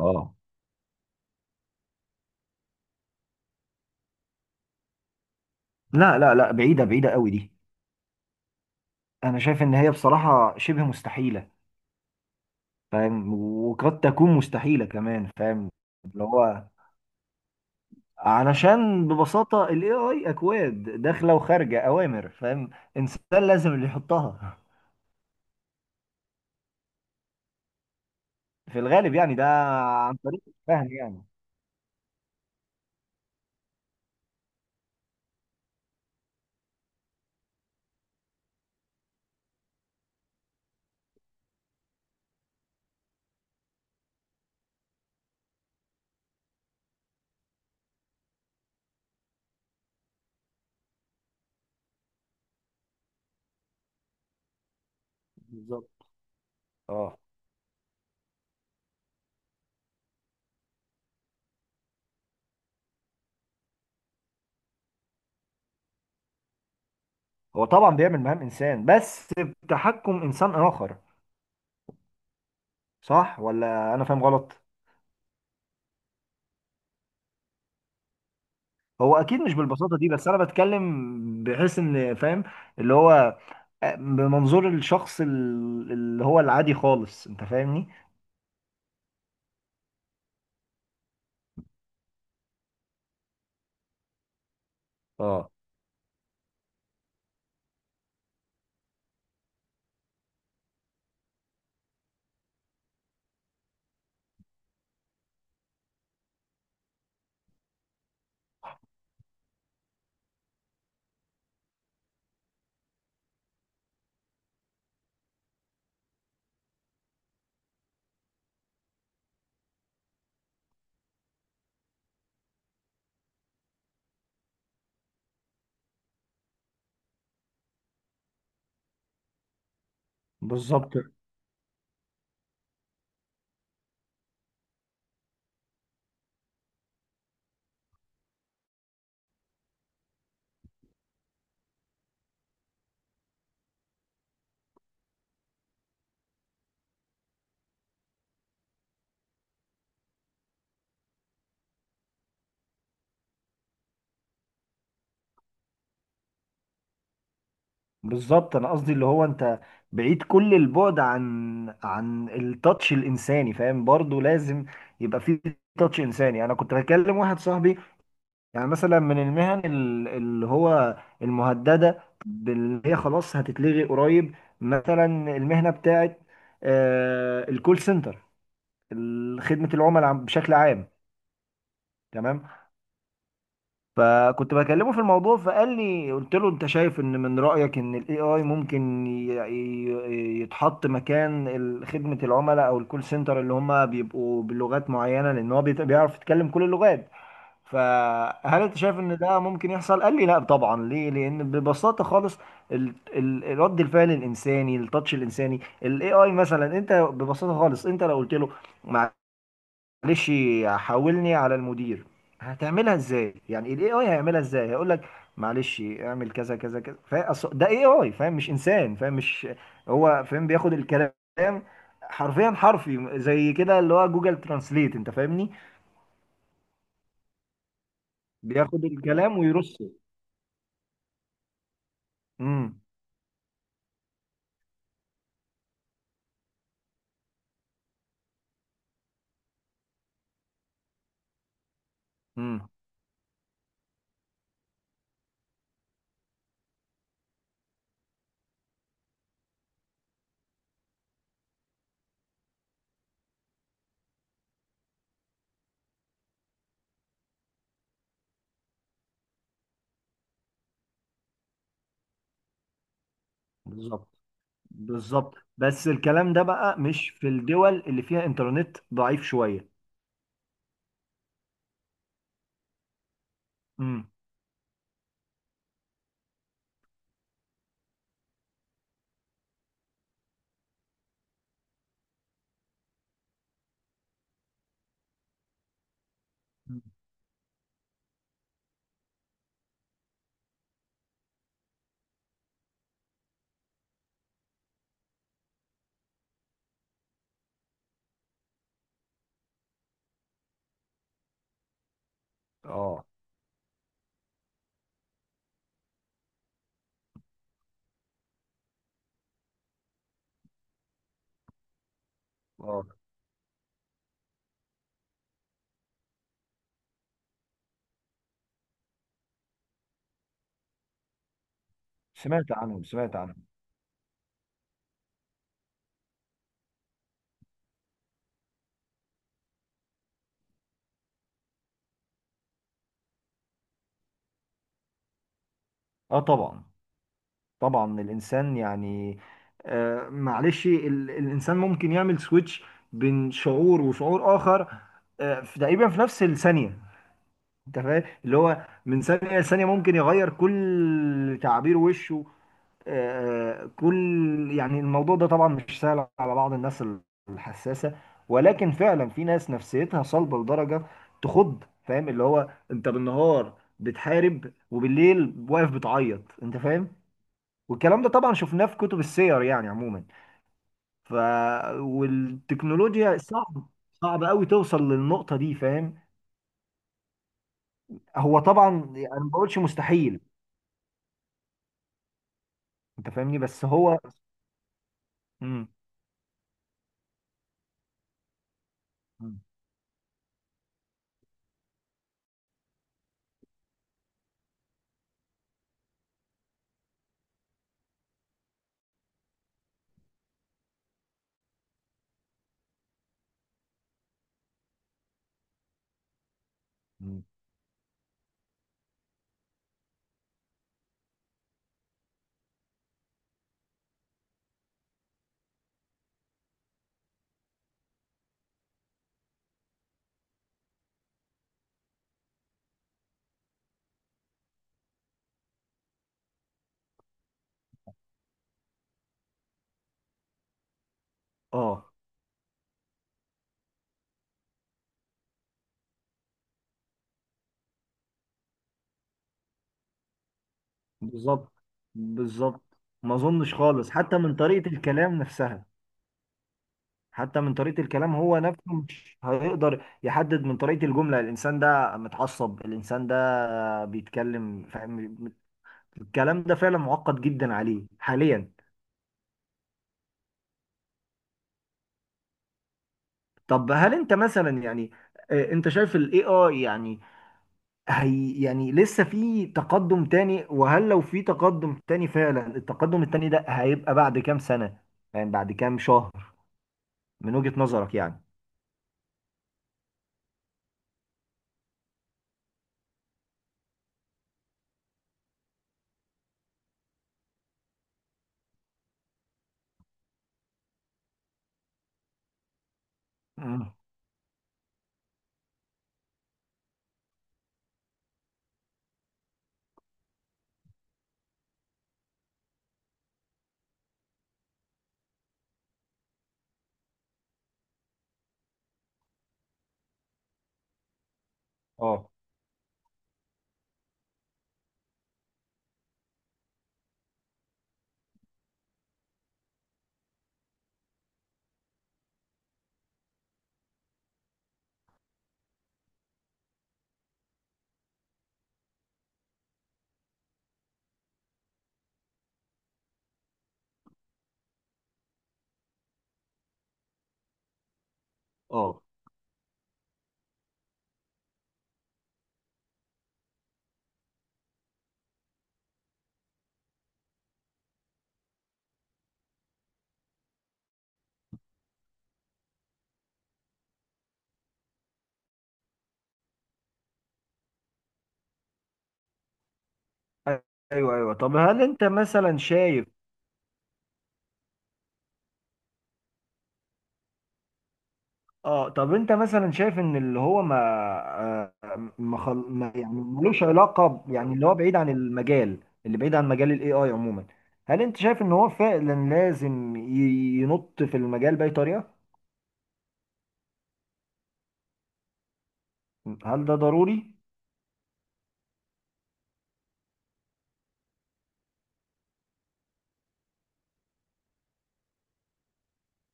اه، لا لا لا، بعيدة بعيدة قوي دي. انا شايف ان هي بصراحة شبه مستحيلة، فاهم، وقد تكون مستحيلة كمان، فاهم اللي هو، علشان ببساطة ال AI أكواد داخلة وخارجة أوامر، فاهم، إنسان لازم اللي يحطها في الغالب يعني ده، عن طريق الفهم يعني. بالظبط. اه، هو طبعا بيعمل مهام إنسان، بس بتحكم إنسان آخر، صح ولا أنا فاهم غلط؟ هو أكيد مش بالبساطة دي، بس أنا بتكلم بحيث إن، فاهم اللي هو، بمنظور الشخص اللي هو العادي خالص، انت فاهمني. اه، بالظبط. بالظبط، انا قصدي اللي هو انت بعيد كل البعد عن عن التاتش الانساني، فاهم، برضو لازم يبقى فيه تاتش انساني. انا كنت بكلم واحد صاحبي، يعني مثلا من المهن اللي هو المهدده، اللي هي خلاص هتتلغي قريب، مثلا المهنه بتاعت الكول سنتر، خدمه العملاء بشكل عام، تمام. فكنت بكلمه في الموضوع، فقال لي، قلت له انت شايف ان، من رأيك ان الاي اي ممكن يتحط مكان خدمة العملاء او الكول سنتر، اللي هم بيبقوا بلغات معينة، لان هو بيعرف يتكلم كل اللغات، فهل انت شايف ان ده ممكن يحصل؟ قال لي لا طبعا، ليه؟ لان ببساطة خالص رد الفعل الانساني، التاتش الانساني، الاي اي مثلا، انت ببساطة خالص انت لو قلت له معلش حاولني على المدير، هتعملها ازاي؟ يعني الاي اي هيعملها ازاي؟ هيقول لك معلش اعمل كذا كذا كذا، ده اي اي، فاهم، مش انسان، فاهم، مش هو فاهم، بياخد الكلام حرفيا، حرفي زي كده، اللي هو جوجل ترانسليت، انت فاهمني، بياخد الكلام ويرصه. امم امم. بالظبط. بالظبط، بس الكلام ده بقى مش في الدول اللي فيها انترنت ضعيف شوية. امم. اه. اه، سمعت عنهم، سمعت عنهم. اه طبعا، طبعا الانسان يعني، معلش، الانسان ممكن يعمل سويتش بين شعور وشعور اخر، تقريبا في نفس الثانيه، انت فاهم، اللي هو من ثانيه لثانيه ممكن يغير كل تعابير وشه، كل، يعني الموضوع ده طبعا مش سهل على بعض الناس الحساسه، ولكن فعلا في ناس نفسيتها صلبه لدرجه تخض، فاهم، اللي هو انت بالنهار بتحارب وبالليل واقف بتعيط، انت فاهم، والكلام ده طبعا شفناه في كتب السير يعني عموما. ف، والتكنولوجيا صعب، صعب قوي توصل للنقطة دي، فاهم. هو طبعا انا ما بقولش مستحيل، انت فاهمني، بس هو. امم. اه، بالظبط. بالظبط، ما اظنش خالص، حتى من طريقة الكلام نفسها، حتى من طريقة الكلام هو نفسه مش هيقدر يحدد من طريقة الجملة الإنسان ده متعصب، الإنسان ده بيتكلم، فاهم، الكلام ده فعلا معقد جدا عليه حاليا. طب هل انت مثلا يعني، انت شايف الاي اي يعني هي يعني لسه في تقدم تاني؟ وهل لو في تقدم تاني فعلا، التقدم التاني ده هيبقى بعد كام سنة؟ يعني بعد كام شهر من وجهة نظرك يعني؟ مم. اه. اه، ايوه ايوه. طب هل انت مثلا شايف، اه طب انت مثلا شايف ان اللي هو ما، آه، ما, خل... ما يعني ملوش علاقه يعني اللي هو بعيد عن المجال، اللي بعيد عن مجال الاي اي عموما، هل انت شايف ان هو فعلا لازم ينط في المجال باي طريقه؟ هل ده ضروري؟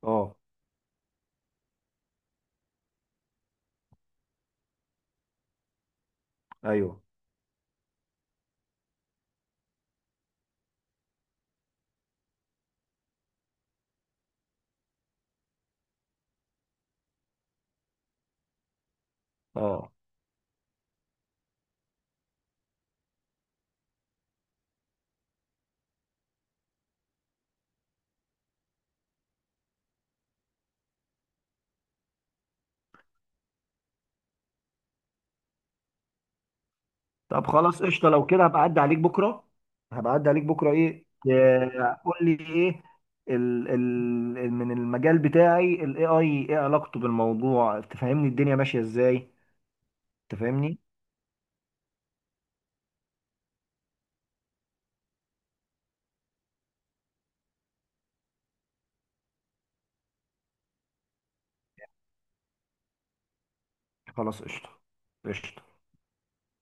اه. ايوه. اه، طب خلاص قشطه، لو كده هبقى اعدي عليك بكره، هبقى اعدي عليك بكره ايه، قول لي ايه، ال ال من المجال بتاعي الاي اي ايه علاقته بالموضوع، تفهمني الدنيا ماشيه ازاي، تفهمني. خلاص قشطة. قشطة.